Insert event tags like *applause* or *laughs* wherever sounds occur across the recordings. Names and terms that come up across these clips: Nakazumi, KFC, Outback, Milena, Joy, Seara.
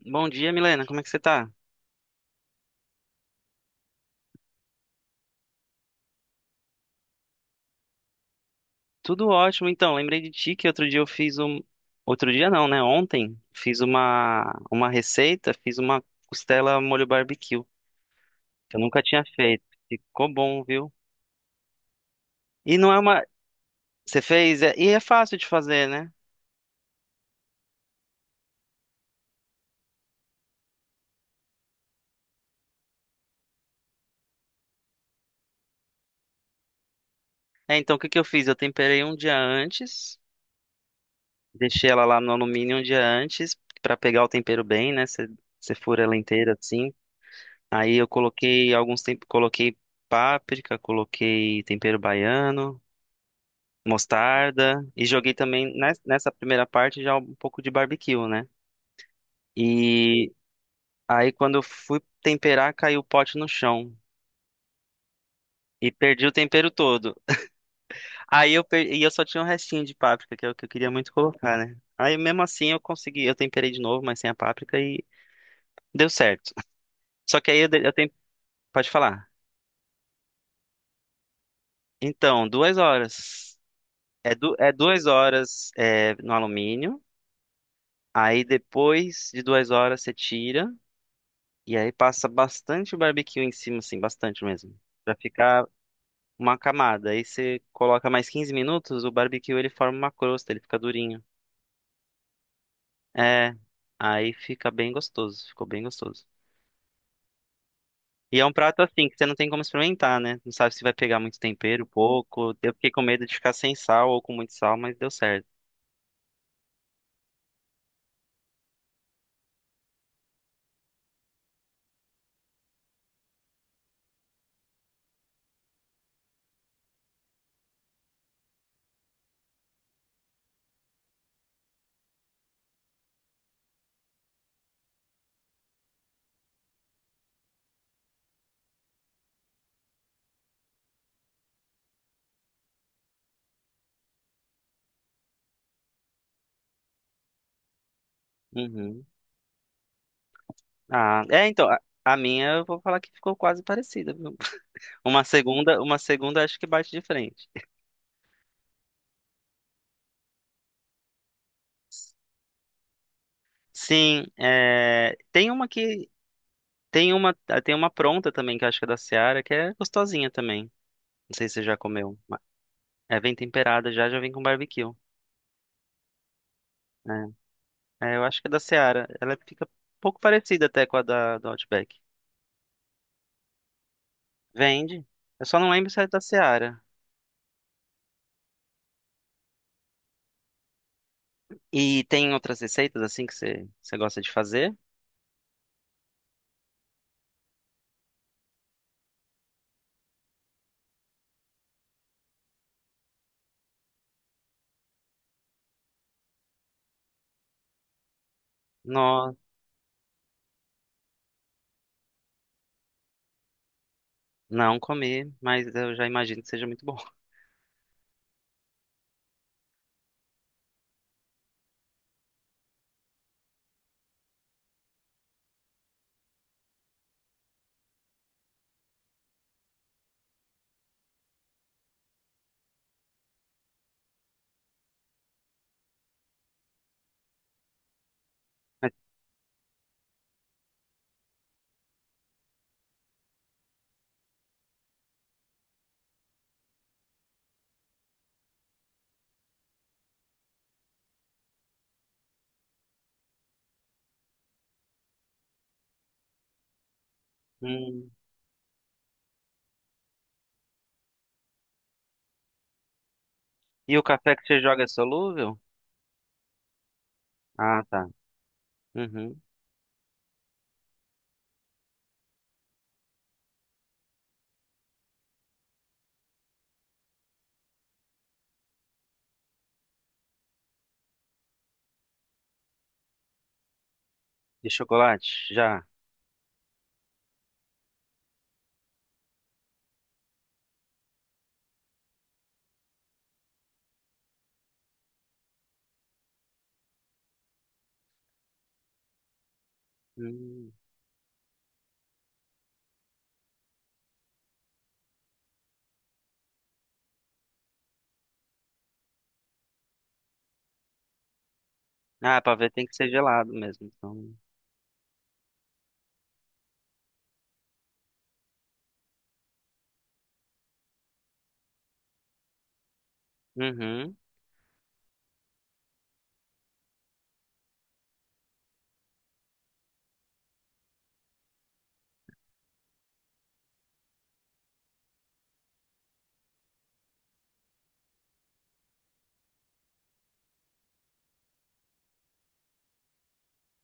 Bom dia, Milena. Como é que você tá? Tudo ótimo. Então, lembrei de ti que outro dia eu fiz um. Outro dia não, né? Ontem fiz uma receita, fiz uma costela molho barbecue, que eu nunca tinha feito. Ficou bom, viu? E não é uma. Você fez? E é fácil de fazer, né? É, então o que que eu fiz? Eu temperei um dia antes, deixei ela lá no alumínio um dia antes pra pegar o tempero bem, né? Você fura ela inteira assim. Aí eu coloquei alguns tempos, coloquei páprica, coloquei tempero baiano, mostarda e joguei também nessa primeira parte já um pouco de barbecue, né? E aí quando eu fui temperar, caiu o pote no chão e perdi o tempero todo. E eu só tinha um restinho de páprica que eu queria muito colocar, né? Aí mesmo assim eu consegui, eu temperei de novo, mas sem a páprica e deu certo. *laughs* Só que aí eu, de- eu tem... pode falar. Então, 2 horas. É, é 2 horas, é, no alumínio. Aí depois de 2 horas você tira. E aí passa bastante barbecue em cima, assim, bastante mesmo. Pra ficar uma camada. Aí você coloca mais 15 minutos, o barbecue ele forma uma crosta, ele fica durinho. É, aí fica bem gostoso, ficou bem gostoso. E é um prato assim que você não tem como experimentar, né? Não sabe se vai pegar muito tempero, pouco. Eu fiquei com medo de ficar sem sal ou com muito sal, mas deu certo. Uhum. Ah, é, então, a minha eu vou falar que ficou quase parecida, viu? *laughs* Uma segunda acho que bate de frente. Sim, é, tem uma pronta também que eu acho que é da Seara, que é gostosinha também. Não sei se você já comeu, mas... É, vem temperada já, já vem com barbecue. É, É, eu acho que é da Seara. Ela fica um pouco parecida até com a da do Outback. Vende. Eu só não lembro se é da Seara. E tem outras receitas assim que você gosta de fazer? Não, não comi, mas eu já imagino que seja muito bom. *laughs* Hum. E o café que você joga é solúvel? Ah, tá. Uhum. E chocolate? Já. Hum. Ah, pra ver tem que ser gelado mesmo, então. Uhum.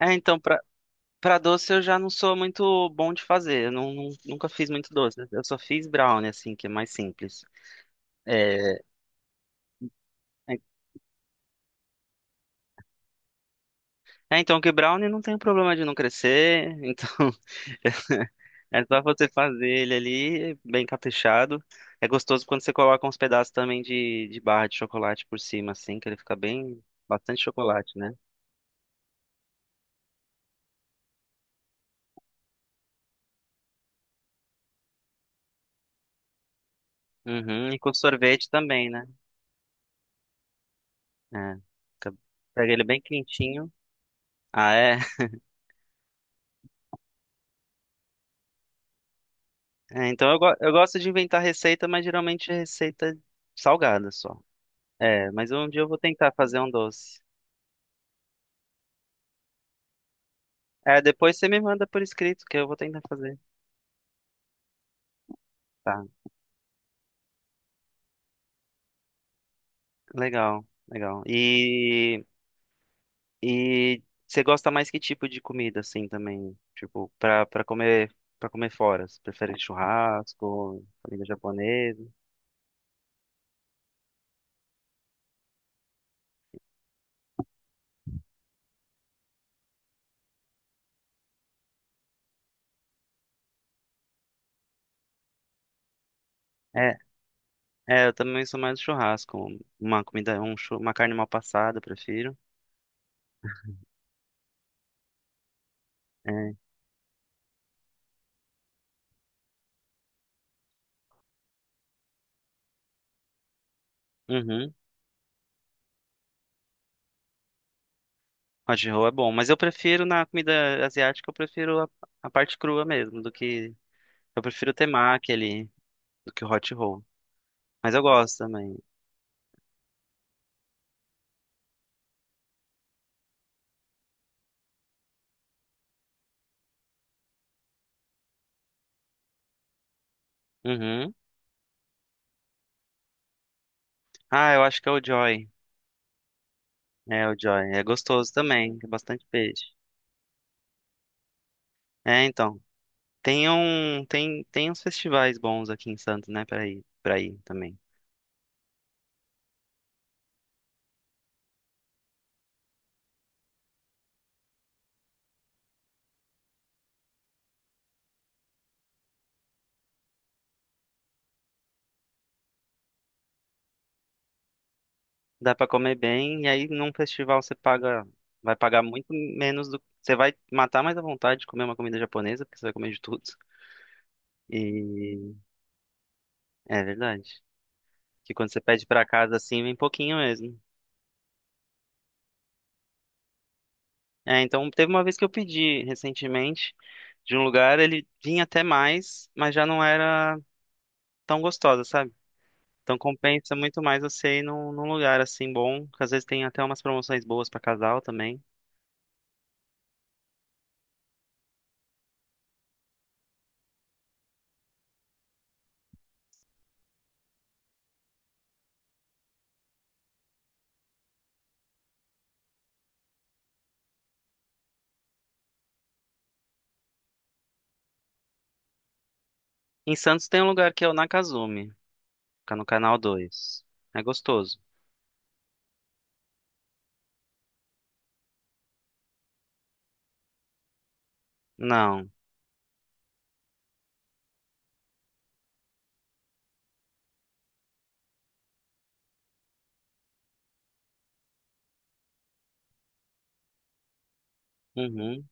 É, então, pra, pra doce eu já não sou muito bom de fazer. Eu não, não- nunca fiz muito doce, né? Eu só fiz brownie, assim, que é mais simples. É, é, é, então, que brownie não tem problema de não crescer. Então, *laughs* é só você fazer ele ali, bem caprichado. É gostoso quando você coloca uns pedaços também de barra de chocolate por cima, assim, que ele fica bem, bastante chocolate, né? Uhum. E com sorvete também, né? É. Fica- Pega ele bem quentinho. Ah, é? É, então eu gosto de inventar receita, mas geralmente é receita salgada só. É, mas um dia eu vou tentar fazer um doce. É, depois você me manda por escrito que eu vou tentar fazer. Tá, legal, legal. E você gosta mais que tipo de comida, assim, também? Tipo, pra comer fora? Você prefere churrasco, comida japonesa? É, é, eu também sou mais do churrasco. Uma comida, uma carne mal passada, eu prefiro. É. Uhum. Hot roll é bom, mas eu prefiro na comida asiática, eu prefiro a parte crua mesmo, do que eu prefiro o temaki ali, do que o hot roll. Mas eu gosto também. Uhum. Ah, eu acho que é o Joy. É o Joy, é gostoso também, é bastante peixe. É, então, tem um tem tem uns festivais bons aqui em Santos, né, para ir também. Dá pra comer bem e aí num festival você paga, vai pagar muito menos do você vai matar mais à vontade de comer uma comida japonesa, porque você vai comer de tudo. E é verdade. Que quando você pede pra casa assim, vem pouquinho mesmo. É, então teve uma vez que eu pedi recentemente de um lugar, ele vinha até mais, mas já não era tão gostosa, sabe? Então compensa muito mais você ir num lugar assim bom, que às vezes tem até umas promoções boas pra casal também. Em Santos tem um lugar que é o Nakazumi, fica no canal 2. É gostoso. Não. Uhum.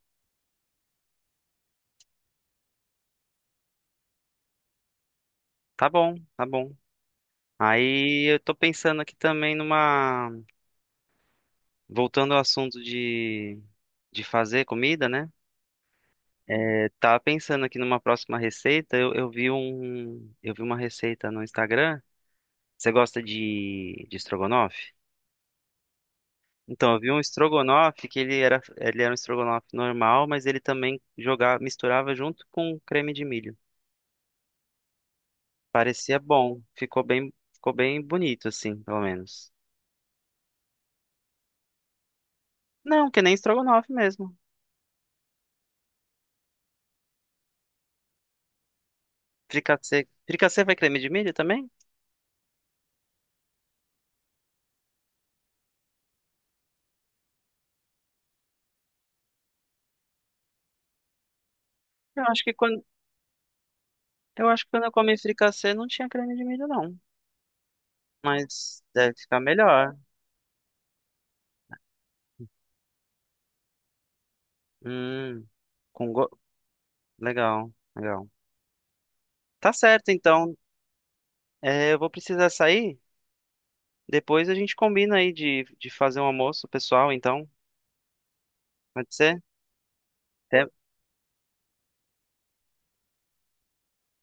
Tá bom, tá bom. Aí eu tô pensando aqui também numa... Voltando ao assunto de fazer comida, né? É, tava pensando aqui numa próxima receita. Eu vi um, eu vi uma receita no Instagram. Você gosta de estrogonofe? Então, eu vi um estrogonofe que ele era um estrogonofe normal, mas ele também jogava, misturava junto com creme de milho. Parecia bom, ficou bem bonito assim, pelo menos. Não, que nem estrogonofe mesmo. Fricassê, fricassê vai creme de milho também? Eu acho que quando Eu acho que quando eu comi fricassê não tinha creme de milho, não. Mas deve ficar melhor. Hum, com go... Legal, legal. Tá certo, então. É, eu vou precisar sair. Depois a gente combina aí de fazer um almoço pessoal, então. Pode ser? Até...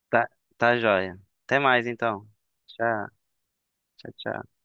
Tá, tá joia. Até mais, então. Tchau, tchau, tchau.